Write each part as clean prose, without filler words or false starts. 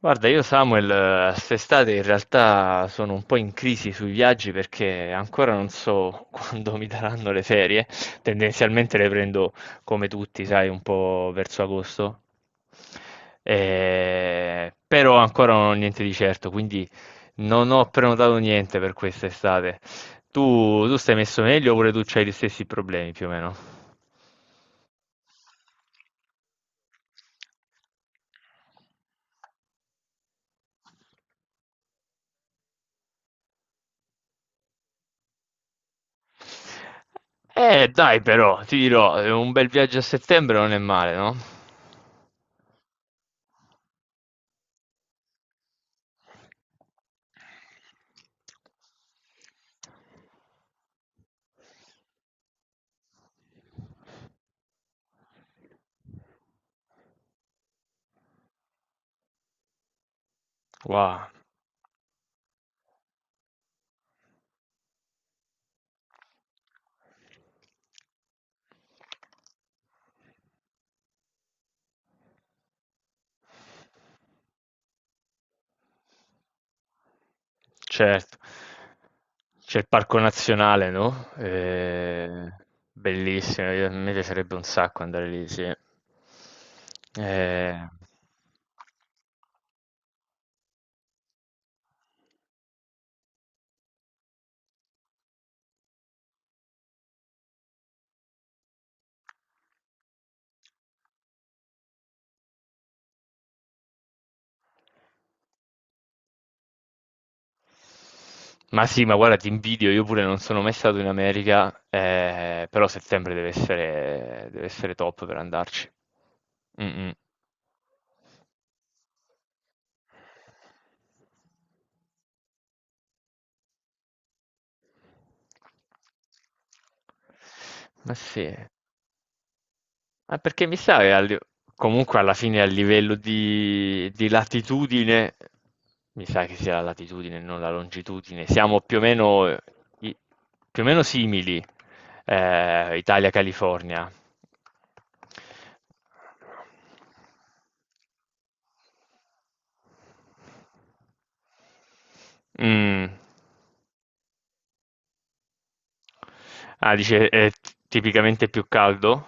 Guarda, io Samuel, quest'estate in realtà sono un po' in crisi sui viaggi perché ancora non so quando mi daranno le ferie. Tendenzialmente le prendo come tutti, sai, un po' verso agosto. Però ancora non ho niente di certo, quindi non ho prenotato niente per quest'estate. Tu stai messo meglio oppure tu hai gli stessi problemi più o meno? Dai, però, ti dirò, un bel viaggio a settembre non è male, no? Wow, certo. C'è il parco nazionale, no? Bellissimo, a me piacerebbe un sacco andare lì, sì. Eh, ma sì, ma guarda, ti invidio, io pure non sono mai stato in America, però settembre deve essere top per andarci. Mm, mm. Ma sì. Ah, perché mi sa che comunque alla fine a livello di latitudine, mi sa che sia la latitudine, non la longitudine, siamo più o meno, i- più o meno simili, Italia-California. Mm. Ah, dice è tipicamente più caldo?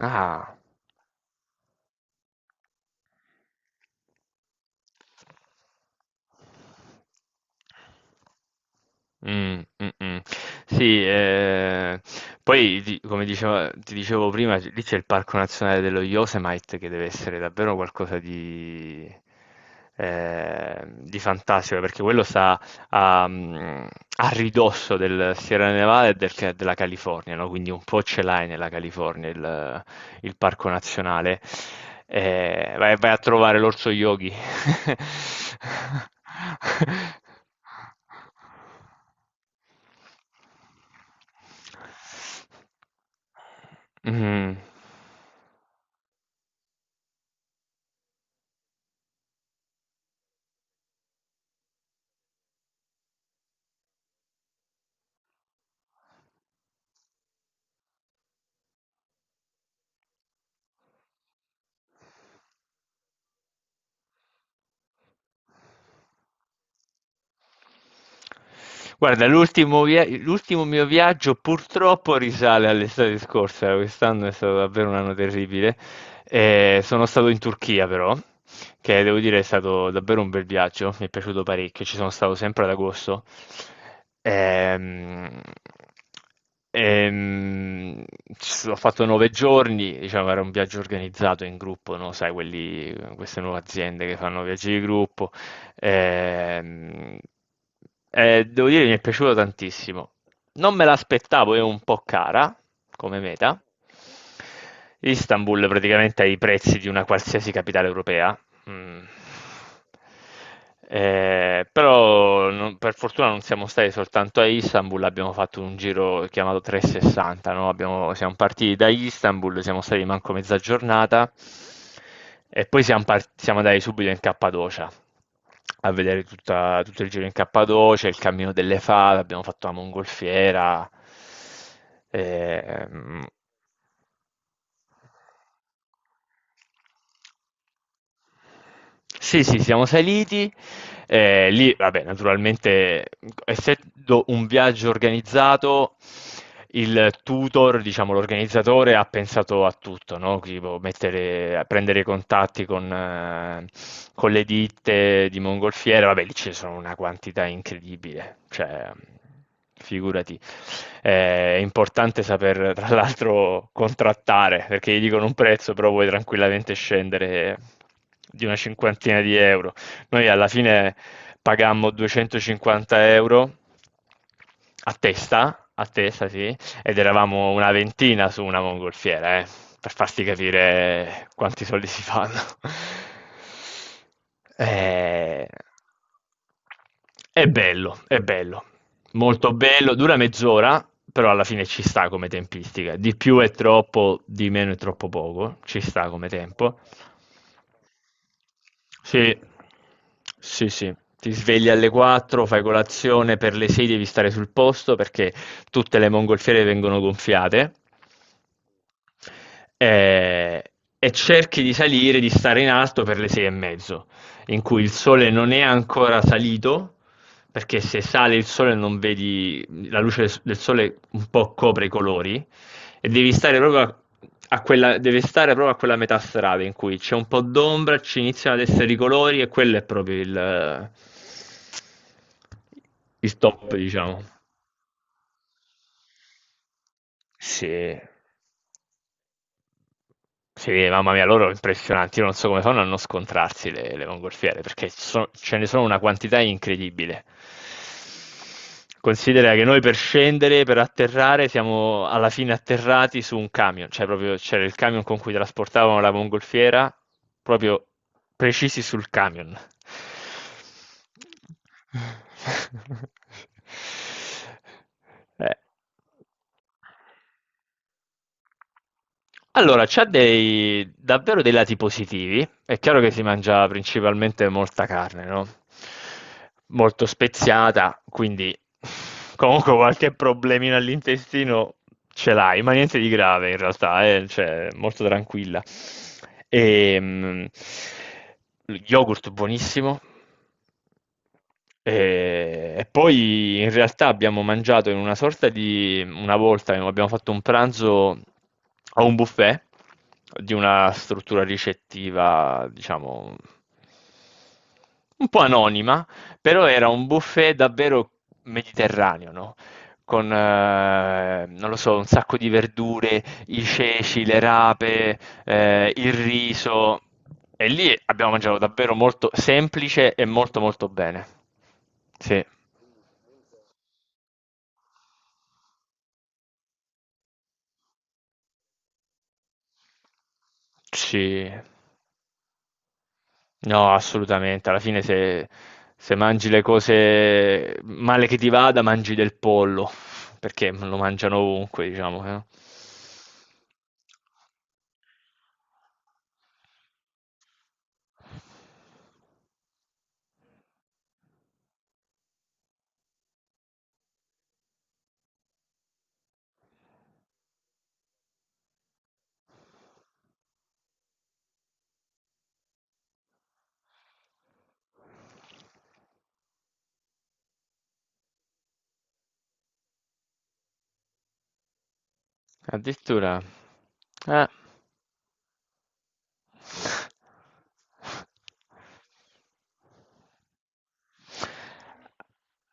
Ah. Mm, mm, mm. Sì, poi di- come dicevo- ti dicevo prima, lì c'è il Parco Nazionale dello Yosemite che deve essere davvero qualcosa di, di fantastico, perché quello sta a, mm, a ridosso del Sierra Nevada e della California, no? Quindi un po' ce l'hai nella California il parco nazionale. Vai, vai a trovare l'orso yogi. Mhm. Guarda, l'ultimo mio viaggio purtroppo risale all'estate scorsa, quest'anno è stato davvero un anno terribile. Sono stato in Turchia però, che devo dire è stato davvero un bel viaggio, mi è piaciuto parecchio, ci sono stato sempre ad agosto. Ehm, ehm, ho fatto 9 giorni, diciamo era un viaggio organizzato in gruppo, no? Sai, quelli, queste nuove aziende che fanno viaggi di gruppo. Ehm, devo dire, che mi è piaciuto tantissimo. Non me l'aspettavo, è un po' cara come meta. Istanbul praticamente ha i prezzi di una qualsiasi capitale europea. Mh. Però, non per fortuna, non siamo stati soltanto a Istanbul, abbiamo fatto un giro chiamato 360, no, abbiamo siamo partiti da Istanbul, siamo stati manco mezza giornata e poi siamo andati subito in Cappadocia, a vedere tutta tutto il giro in Cappadocia, il Cammino delle Fave, abbiamo fatto la mongolfiera. Ehm Sì, sì, siamo saliti. Lì vabbè, naturalmente, essendo un viaggio organizzato, il tutor, diciamo, l'organizzatore ha pensato a tutto, no? Tipo mettere, prendere contatti con le ditte di mongolfiere. Vabbè, lì ci sono una quantità incredibile. Cioè, figurati. È importante saper, tra l'altro, contrattare, perché gli dicono un prezzo, però puoi tranquillamente scendere di una cinquantina di euro. Noi alla fine pagammo 250 euro a testa, sì, ed eravamo una ventina su una mongolfiera, per farti capire quanti soldi si fanno. Eh, è bello, è bello, molto bello, dura mezz'ora, però alla fine ci sta come tempistica. Di più è troppo, di meno è troppo poco, ci sta come tempo. Sì, sì, sì. Ti svegli alle 4, fai colazione, per le 6 devi stare sul posto perché tutte le mongolfiere vengono gonfiate. e, e cerchi di salire, di stare in alto per le 6:30, in cui il sole non è ancora salito, perché se sale il sole non vedi, la luce del sole un po' copre i colori, e devi stare proprio a, a quella, deve stare proprio a quella metà strada in cui c'è un po' d'ombra, ci iniziano ad essere i colori e quello è proprio il top, diciamo. Sì. Sì, mamma mia, loro impressionanti. Io non so come fanno a non scontrarsi le mongolfiere, perché ce ne sono una quantità incredibile. Considera che noi per scendere, per atterrare, siamo alla fine atterrati su un camion, cioè proprio c'era il camion con cui trasportavano la mongolfiera, proprio precisi sul camion. Eh. Allora, c'ha davvero dei lati positivi. È chiaro che si mangia principalmente molta carne, no? Molto speziata, quindi comunque qualche problemino all'intestino ce l'hai, ma niente di grave in realtà, cioè, molto tranquilla. E, yogurt buonissimo, e poi in realtà abbiamo mangiato in una sorta di... una volta abbiamo fatto un pranzo a un buffet di una struttura ricettiva, diciamo, un po' anonima, però era un buffet davvero mediterraneo, no? Con, non lo so, un sacco di verdure, i ceci, le rape, il riso. E lì abbiamo mangiato davvero molto semplice e molto molto bene. Sì, sì, no, assolutamente. Alla fine se mangi le cose male che ti vada, mangi del pollo, perché lo mangiano ovunque, diciamo. Addirittura. Eh.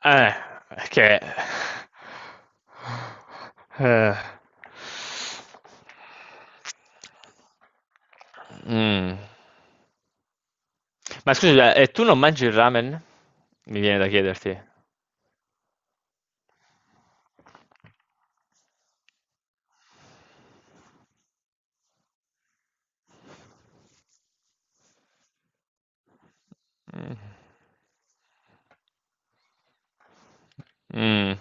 Eh, che... Eh. Mm. Ma scusa, e tu non mangi il ramen? Mi viene da chiederti. Mm. Mm.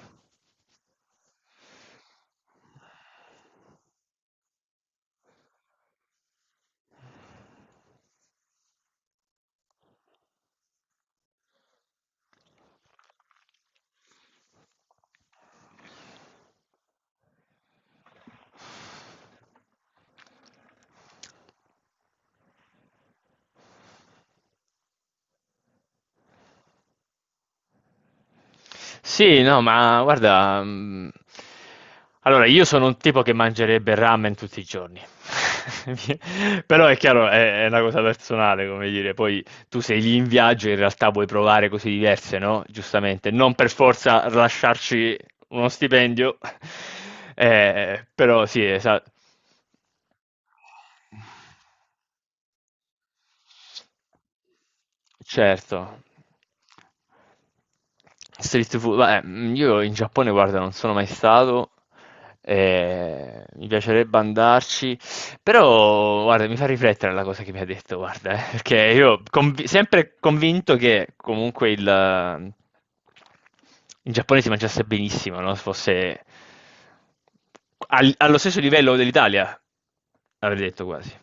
Sì, no, ma guarda, allora io sono un tipo che mangerebbe ramen tutti i giorni, però è chiaro, è una cosa personale, come dire, poi tu sei lì in viaggio e in realtà vuoi provare cose diverse, no, giustamente, non per forza lasciarci uno stipendio, però sì. esa Certo. Street food, beh, io in Giappone, guarda, non sono mai stato, mi piacerebbe andarci, però, guarda, mi fa riflettere la cosa che mi ha detto, guarda, perché io sempre convinto che comunque in Giappone si mangiasse benissimo, no? Se fosse allo stesso livello dell'Italia, avrei detto quasi.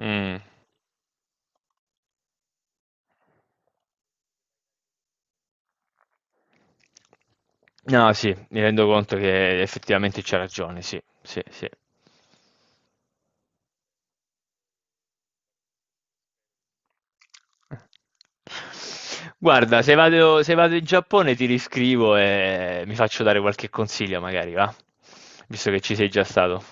Mm. No, sì, mi rendo conto che effettivamente c'ha ragione, sì, sì, sì. Guarda, se vado in Giappone ti riscrivo e mi faccio dare qualche consiglio, magari, va? Visto che ci sei già stato.